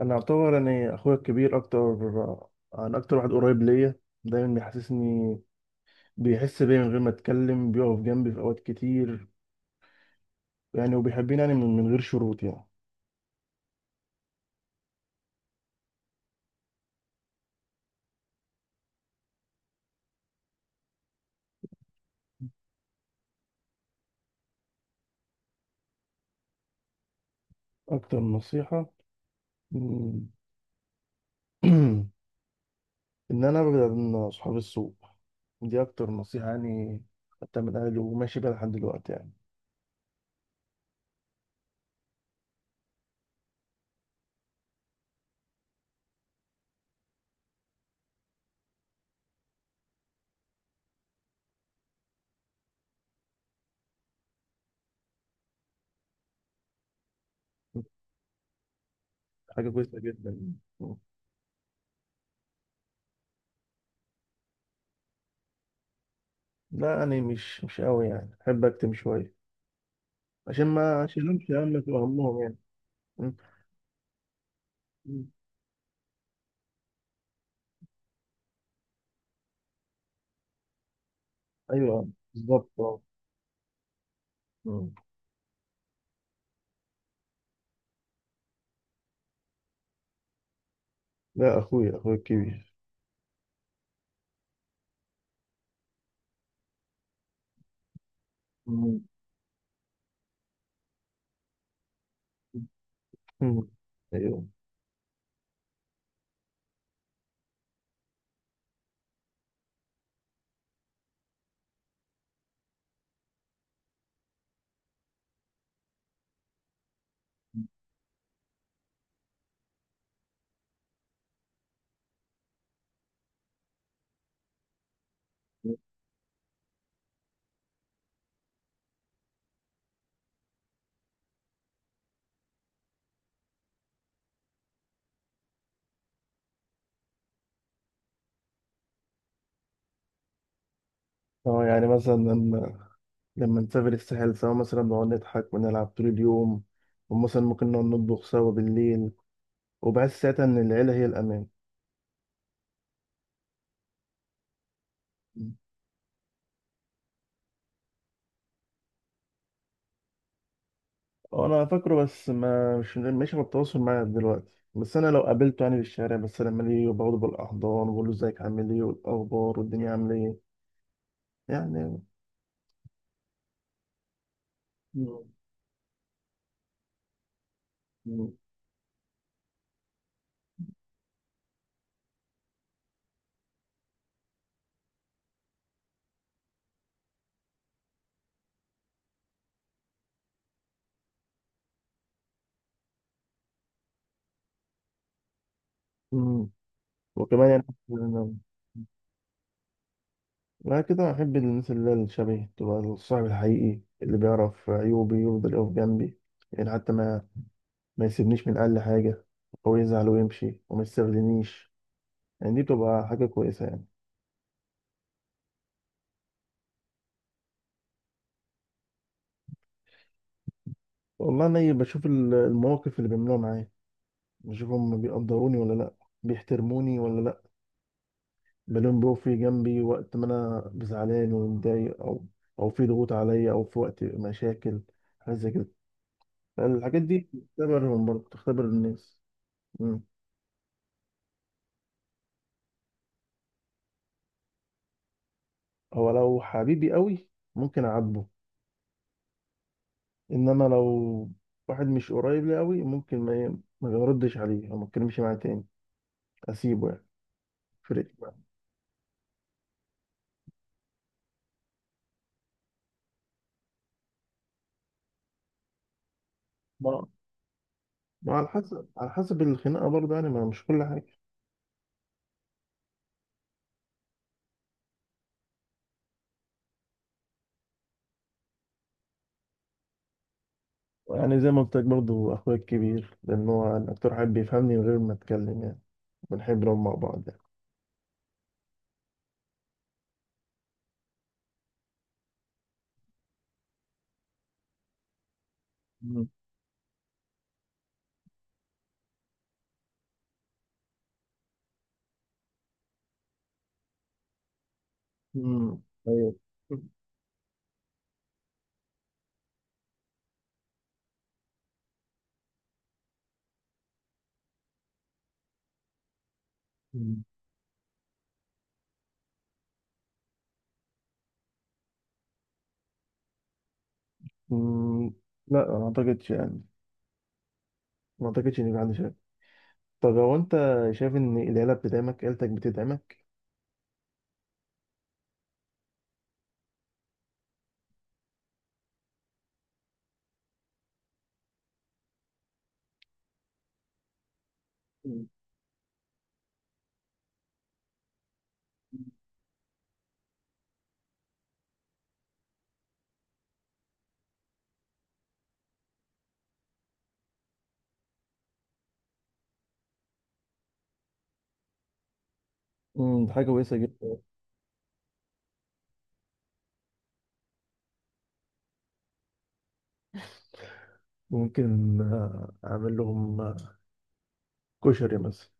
انا اعتبر يعني اخويا الكبير اكتر. انا اكتر واحد قريب ليا، دايما بيحسسني، بيحس بيا من غير ما اتكلم، بيقف جنبي في اوقات كتير يعني، وبيحبني يعني من غير شروط يعني. اكتر نصيحة مم، ان انا ابعد عن صحاب السوء. دي اكتر نصيحة يعني، خدتها من اهلي وماشي بيها لحد دلوقتي يعني. حاجة كويسة جدا. لا يعني مش قوي، يعني احب اكتم شوية عشان ما اشيلهمش هم في همهم يعني. مم. ايوه، بالظبط. مم. لا، اخويا الكبير. مم. مم. ايوه. اه، يعني مثلا لما نسافر الساحل سوا، مثلا بنقعد نضحك ونلعب طول اليوم. ومثلا ممكن نقعد نطبخ سوا بالليل، وبحس ساعتها ان العيله هي الامان. اه، انا فاكره، بس ما مش مش بالتواصل معاه دلوقتي، بس انا لو قابلته يعني في الشارع، بس لما ليه بقعد بالاحضان وبقول له ازيك، عامل ايه، والاخبار، والدنيا عامله ايه يعني. مم. مم. مم. وكمان يعني، أنا كده أحب الناس اللي هي الشبهي، تبقى الصاحب الحقيقي اللي بيعرف عيوبي، يفضل يقف جنبي يعني، حتى ما يسيبنيش من أقل حاجة، أو يزعل ويمشي وما يستخدمنيش يعني. دي بتبقى حاجة كويسة يعني. والله أنا بشوف المواقف اللي بيعملوها معايا، بشوفهم بيقدروني ولا لأ، بيحترموني ولا لأ، بلاقيهم بيقفوا جنبي وقت ما أنا زعلان ومتضايق، أو في ضغوط عليا، أو في وقت مشاكل، حاجة زي كده. الحاجات دي بتختبرهم، برضه بتختبر الناس. هو لو حبيبي قوي ممكن اعاتبه، انما لو واحد مش قريب لي قوي، ممكن ما بردش عليه او ما اتكلمش معاه تاني، اسيبه يعني. فرقت. ما ما على حسب الخناقه برضه يعني، ما مش كل حاجه. يعني زي ما قلت لك، برضه اخويا الكبير، لان هو أنا اكتر حد بيفهمني من غير ما اتكلم يعني، بنحب نقعد مع بعض يعني. مم. مم. ايوه. مم. مم. لا، ما اعتقدش يعني، ما اعتقدش ان يبقى عندي شك. طب هو انت شايف ان العيله بتدعمك، عيلتك بتدعمك؟ حاجة كويسة جدا. ممكن أعمل لهم كشري مثلا.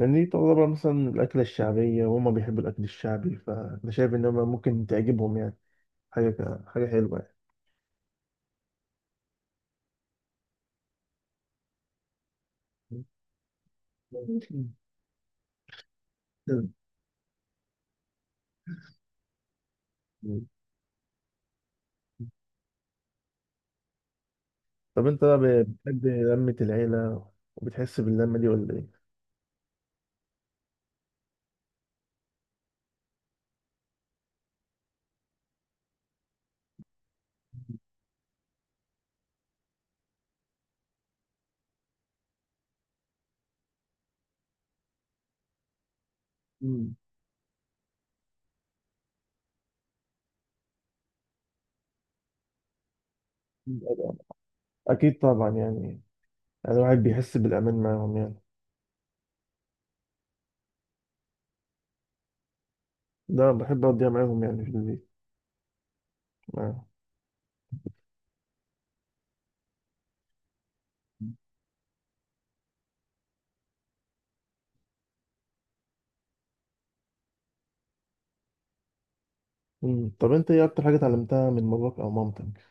لأن دي تعتبر مثلا الأكلة الشعبية، وهما بيحبوا الأكل الشعبي، فأنا شايف إن هما ممكن تعجبهم يعني. حاجة حلوة يعني. مم. طب أنت بقى، بتحب لمة العيلة وبتحس باللمة دي ولا إيه؟ مم. طبعاً. أكيد طبعا يعني، يعني الواحد بيحس بالأمان معاهم يعني. ده بحب أقضيها معاهم يعني، في البيت معاهم. مم. طب أنت إيه أكتر حاجة اتعلمتها من باباك أو مامتك؟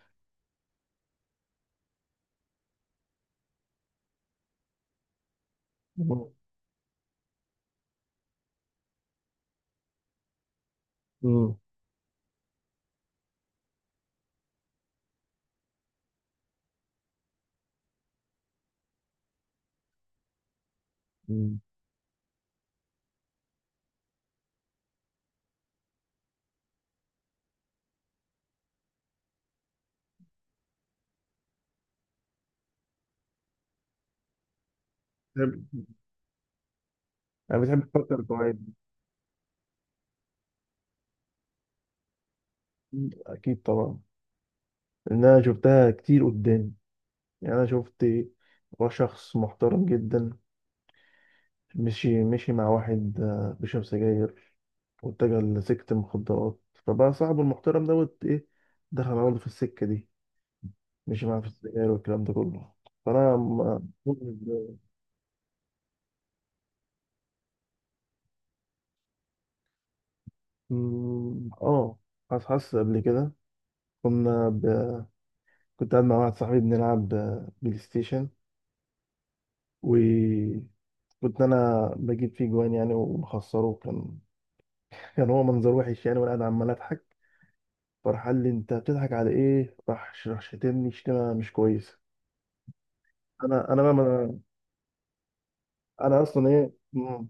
مم. مم. بتحب- انا بتحب تفكر في اوقات. اكيد طبعا، لان انا شفتها كتير قدامي، يعني انا شفت شخص محترم جدا مشي مع واحد بيشرب سجاير، واتجه لسكة المخدرات. فبقى صاحبه المحترم دوت ايه، دخل على برضه في السكة دي، مشي معاه في السجاير والكلام ده كله. فانا مؤمن مم، اه. حاسس قبل كده، كنا ب... كنت قاعد مع واحد صاحبي بنلعب بلاي ستيشن، و كنت انا بجيب فيه جوان يعني ومخسره كان، كان هو منظر وحش يعني، وانا قاعد عمال اضحك. فراح قال لي انت بتضحك على ايه، راح شتمني شتيمه مش كويسه. انا انا ما انا اصلا ايه مم.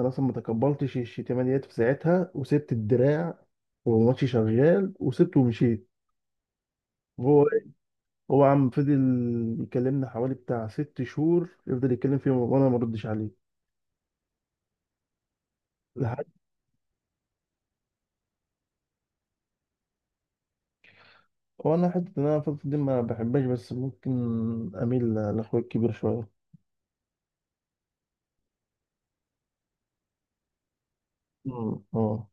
انا اصلا ما تقبلتش الشتيمه ديت في ساعتها، وسبت الدراع والماتش شغال وسبته ومشيت. وهو إيه؟ هو عم فضل يكلمني حوالي بتاع 6 شهور، يفضل يتكلم فيه وانا ما ردش عليه. لحد، وانا حته ان انا فتره دي ما بحبهاش، بس ممكن اميل لاخويا الكبير شويه. مم. مم.